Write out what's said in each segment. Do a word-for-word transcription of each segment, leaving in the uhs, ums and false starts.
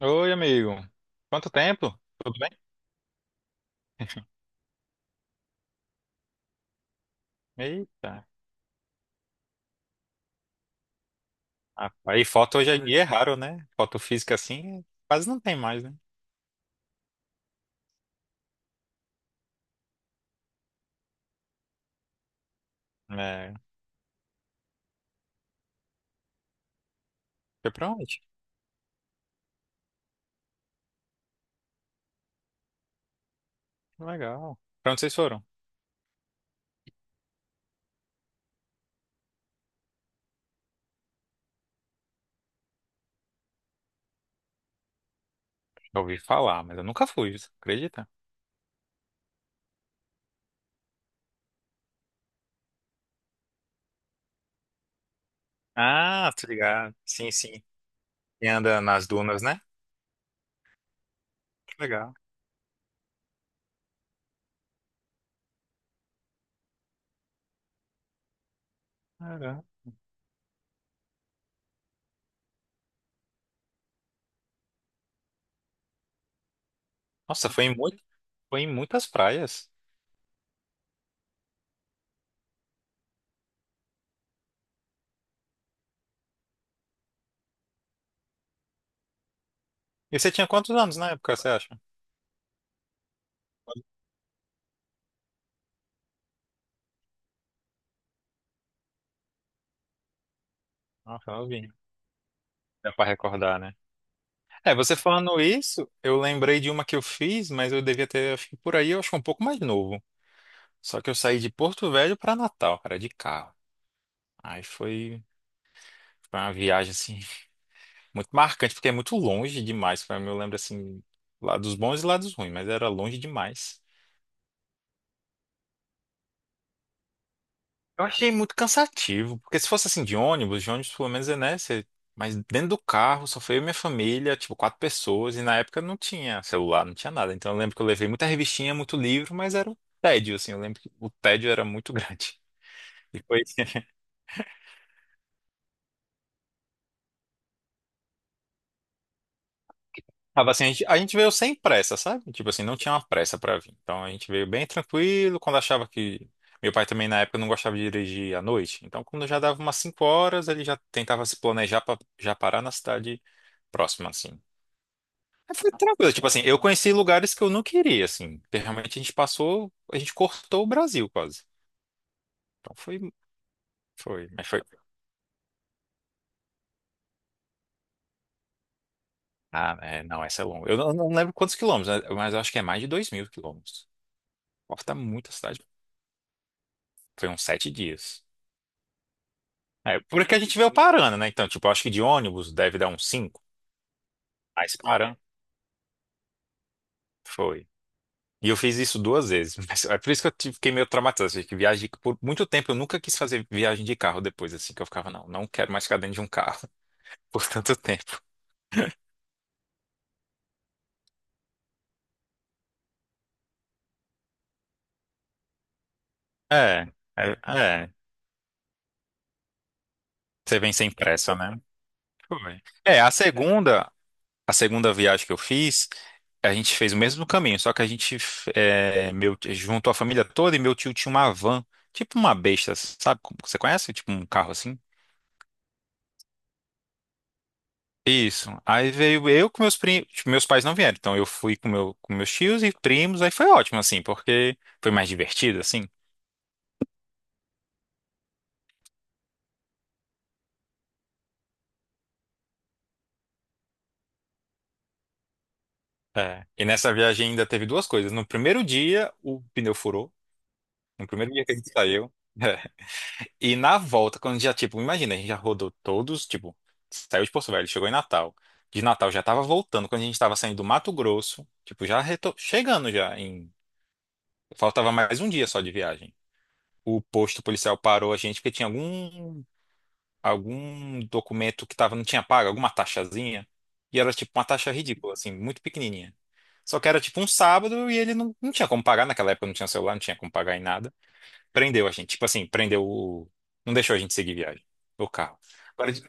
Oi, amigo. Quanto tempo? Tudo bem? Eita, rapaz, e foto hoje em dia é raro, né? Foto física assim quase não tem mais, né? É. Foi pra onde? Legal. Pra onde vocês foram? Já ouvi falar, mas eu nunca fui, você acredita? Ah, tô ligado. Sim, sim. E anda nas dunas, né? Que legal. Caramba. Nossa, foi em muito, foi em muitas praias. E você tinha quantos anos na época, você acha? Nossa, novinho. Dá pra recordar, né? É, você falando isso, eu lembrei de uma que eu fiz, mas eu devia ter, acho que por aí, eu acho que um pouco mais novo. Só que eu saí de Porto Velho pra Natal, cara, de carro. Aí foi, foi uma viagem, assim, muito marcante, porque é muito longe demais. Pra mim, eu lembro, assim, lados bons e lados ruins, mas era longe demais. Eu achei muito cansativo, porque se fosse assim de ônibus, de ônibus pelo menos é, né? Você... Mas dentro do carro só foi eu e minha família, tipo quatro pessoas, e na época não tinha celular, não tinha nada. Então eu lembro que eu levei muita revistinha, muito livro, mas era um tédio, assim. Eu lembro que o tédio era muito grande. E foi. Tava assim, a gente, a gente veio sem pressa, sabe? Tipo assim, não tinha uma pressa pra vir. Então a gente veio bem tranquilo, quando achava que. Meu pai também na época não gostava de dirigir à noite. Então quando já dava umas cinco horas, ele já tentava se planejar pra já parar na cidade próxima, assim. Aí foi tranquilo, tipo assim, eu conheci lugares que eu não queria, assim, porque realmente a gente passou, a gente cortou o Brasil quase. Então foi, foi, mas foi. Ah, é, não, essa é longa. Eu não, não lembro quantos quilômetros, né, mas eu acho que é mais de dois mil quilômetros. Corta muita cidade. Foi uns sete dias. É, porque a gente veio parando, né? Então, tipo, eu acho que de ônibus deve dar uns cinco. Mas parando, foi. E eu fiz isso duas vezes. Mas é por isso que eu tive- fiquei meio traumatizado, assim. Que viagem, por muito tempo eu nunca quis fazer viagem de carro depois, assim, que eu ficava, não, não quero mais ficar dentro de um carro por tanto tempo. É, é, é. Você vem sem pressa, né? Foi. É, a segunda, a segunda viagem que eu fiz, a gente fez o mesmo caminho, só que a gente é, meu, juntou a família toda e meu tio tinha uma van, tipo uma besta, sabe? como- Você conhece? Tipo um carro assim? Isso. Aí veio eu com meus primos, meus pais não vieram, então eu fui com, meu, com meus tios e primos, aí foi ótimo, assim, porque foi mais divertido, assim. É. E nessa viagem ainda teve duas coisas. No primeiro dia, o pneu furou. No primeiro dia que a gente saiu. E na volta, quando já, tipo, imagina, a gente já rodou todos, tipo, saiu de Porto Velho, chegou em Natal. De Natal já tava voltando, quando a gente tava saindo do Mato Grosso, tipo, já reto- chegando já em... Faltava mais um dia só de viagem. O posto policial parou a gente porque tinha algum, algum documento que tava, não tinha pago, alguma taxazinha. E era, tipo, uma taxa ridícula, assim, muito pequenininha. Só que era, tipo, um sábado e ele não, não tinha como pagar naquela época, não tinha celular, não tinha como pagar em nada. Prendeu a gente. Tipo assim, prendeu o. Não deixou a gente seguir viagem. O carro. Agora, di-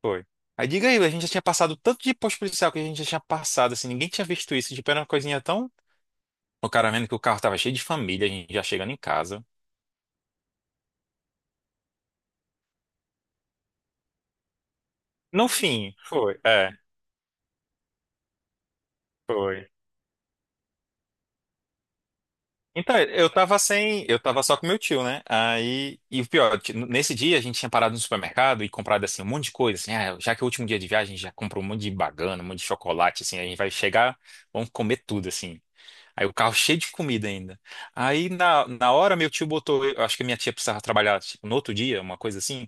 foi. Aí diga aí, a gente já tinha passado tanto de posto policial que a gente já tinha passado, assim, ninguém tinha visto isso. Tipo, era uma coisinha tão. O cara vendo que o carro tava cheio de família, a gente já chegando em casa. No fim, foi. É, foi. Então, eu tava sem. Eu tava só com meu tio, né? Aí. E o pior, t- nesse dia a gente tinha parado no supermercado e comprado, assim, um monte de coisa, assim. Ah, já que é o último dia de viagem, a gente já comprou um monte de bagana, um monte de chocolate, assim. A gente vai chegar, vamos comer tudo, assim. Aí o carro cheio de comida ainda. Aí na, na hora meu tio botou, eu acho que minha tia precisava trabalhar tipo, no outro dia, uma coisa assim,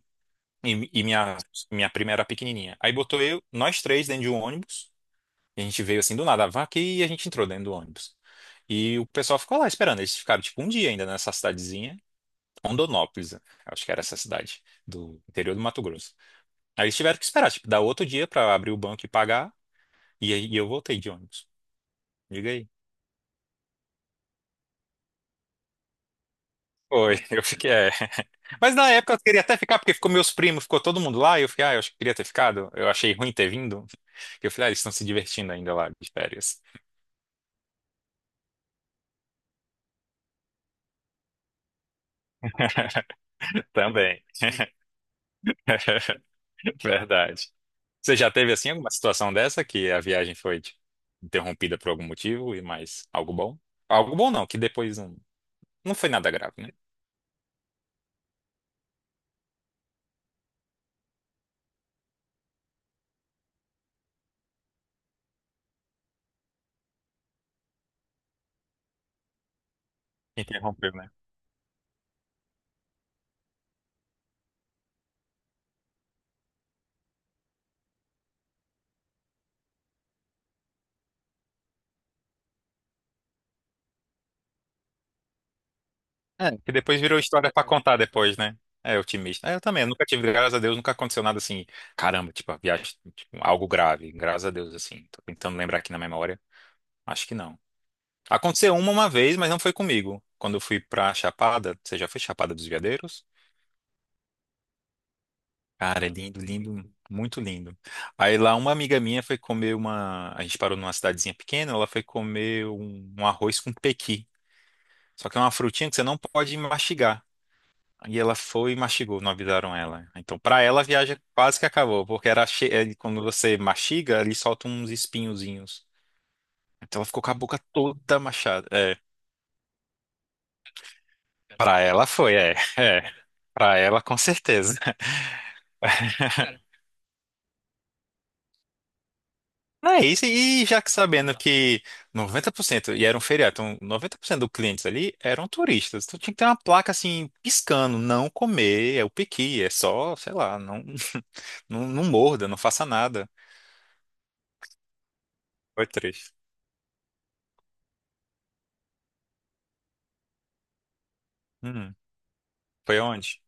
e, e minha, minha prima era pequenininha. Aí botou eu, nós três dentro de um ônibus, e a gente veio assim do nada, a vaca, e a gente entrou dentro do ônibus. E o pessoal ficou lá esperando, eles ficaram tipo um dia ainda nessa cidadezinha, Rondonópolis, acho que era essa cidade do interior do Mato Grosso. Aí eles tiveram que esperar, tipo, dar outro dia pra abrir o banco e pagar, e aí e eu voltei de ônibus. Diga aí. Foi, eu fiquei, é. Mas na época eu queria até ficar, porque ficou meus primos, ficou todo mundo lá, e eu fiquei, ah, eu acho que queria ter ficado. Eu achei ruim ter vindo. Eu falei, ah, eles estão se divertindo ainda lá de férias. Também. Verdade. Você já teve assim alguma situação dessa que a viagem foi tipo, interrompida por algum motivo e mais algo bom? Algo bom não, que depois não, não foi nada grave, né? Interrompeu, né? É, que depois virou história pra contar depois, né? É, otimista. É, eu também, eu nunca tive, graças a Deus, nunca aconteceu nada assim, caramba, tipo, a viagem, tipo, algo grave, graças a Deus, assim. Tô tentando lembrar aqui na memória, acho que não. Aconteceu uma uma vez, mas não foi comigo. Quando eu fui pra Chapada, você já foi Chapada dos Veadeiros? Cara, é lindo, lindo, muito lindo. Aí lá uma amiga minha foi comer uma, a gente parou numa cidadezinha pequena, ela foi comer um, um arroz com pequi. Só que é uma frutinha que você não pode mastigar. E ela foi e mastigou, não avisaram ela. Então, pra ela, a viagem quase que acabou, porque era che... é, quando você mastiga, ele solta uns espinhozinhos. Então, ela ficou com a boca toda machada. É, para ela foi, é, é. Para ela, com certeza. Não é isso, e já que sabendo que noventa por cento, e era um feriado, então noventa por cento dos clientes ali eram turistas. Então tinha que ter uma placa assim, piscando, não comer, é o piqui, é só, sei lá, não, não, não morda, não faça nada. Foi triste. Hum, foi onde?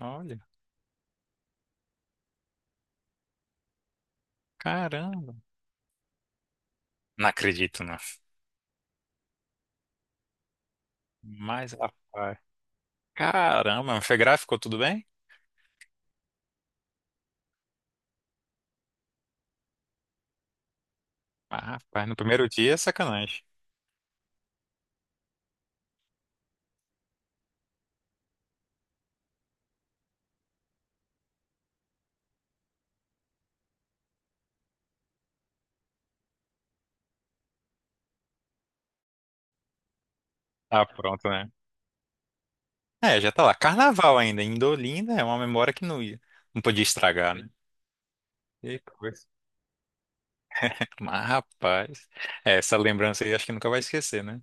Olha, caramba. Não acredito, não. Mas, rapaz. Caramba, mas foi gráfico, tudo bem? Ah, rapaz, no primeiro dia é sacanagem. Ah, pronto, né? É, já tá lá. Carnaval ainda, em Indolinda é uma memória que não ia. Não podia estragar, né? Que coisa. Mas, rapaz, é, essa lembrança aí acho que nunca vai esquecer, né?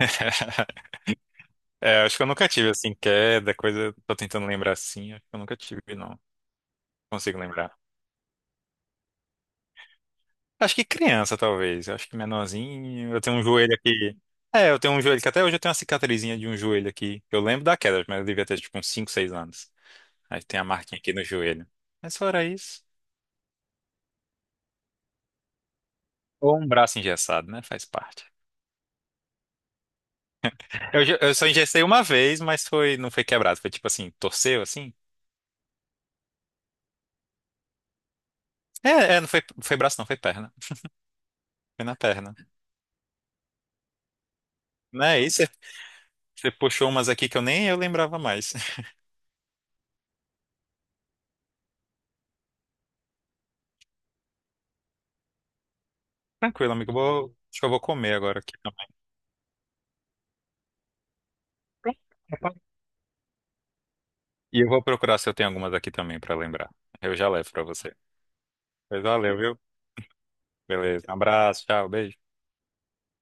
É, acho que eu nunca tive, assim, queda, coisa. Tô tentando lembrar assim, acho que eu nunca tive, não. Consigo lembrar. Acho que criança, talvez. Acho que menorzinho. Eu tenho um joelho aqui. É, eu tenho um joelho que até hoje eu tenho uma cicatrizinha de um joelho aqui. Eu lembro da queda, mas eu devia ter tipo uns cinco, seis anos. Aí tem a marquinha aqui no joelho. Mas fora isso. Ou um braço engessado, né? Faz parte. Eu, já- eu só engessei uma vez, mas foi, não foi quebrado. Foi tipo assim, torceu assim. É, é, não foi, foi braço, não, foi perna. Foi na perna. Né? E você você puxou umas aqui que eu nem eu lembrava mais. Tranquilo, amigo. Vou, acho que eu vou comer agora aqui também. E eu vou procurar se eu tenho algumas aqui também pra lembrar. Eu já levo pra você. Pois valeu, viu? Beleza. Um abraço, tchau, beijo.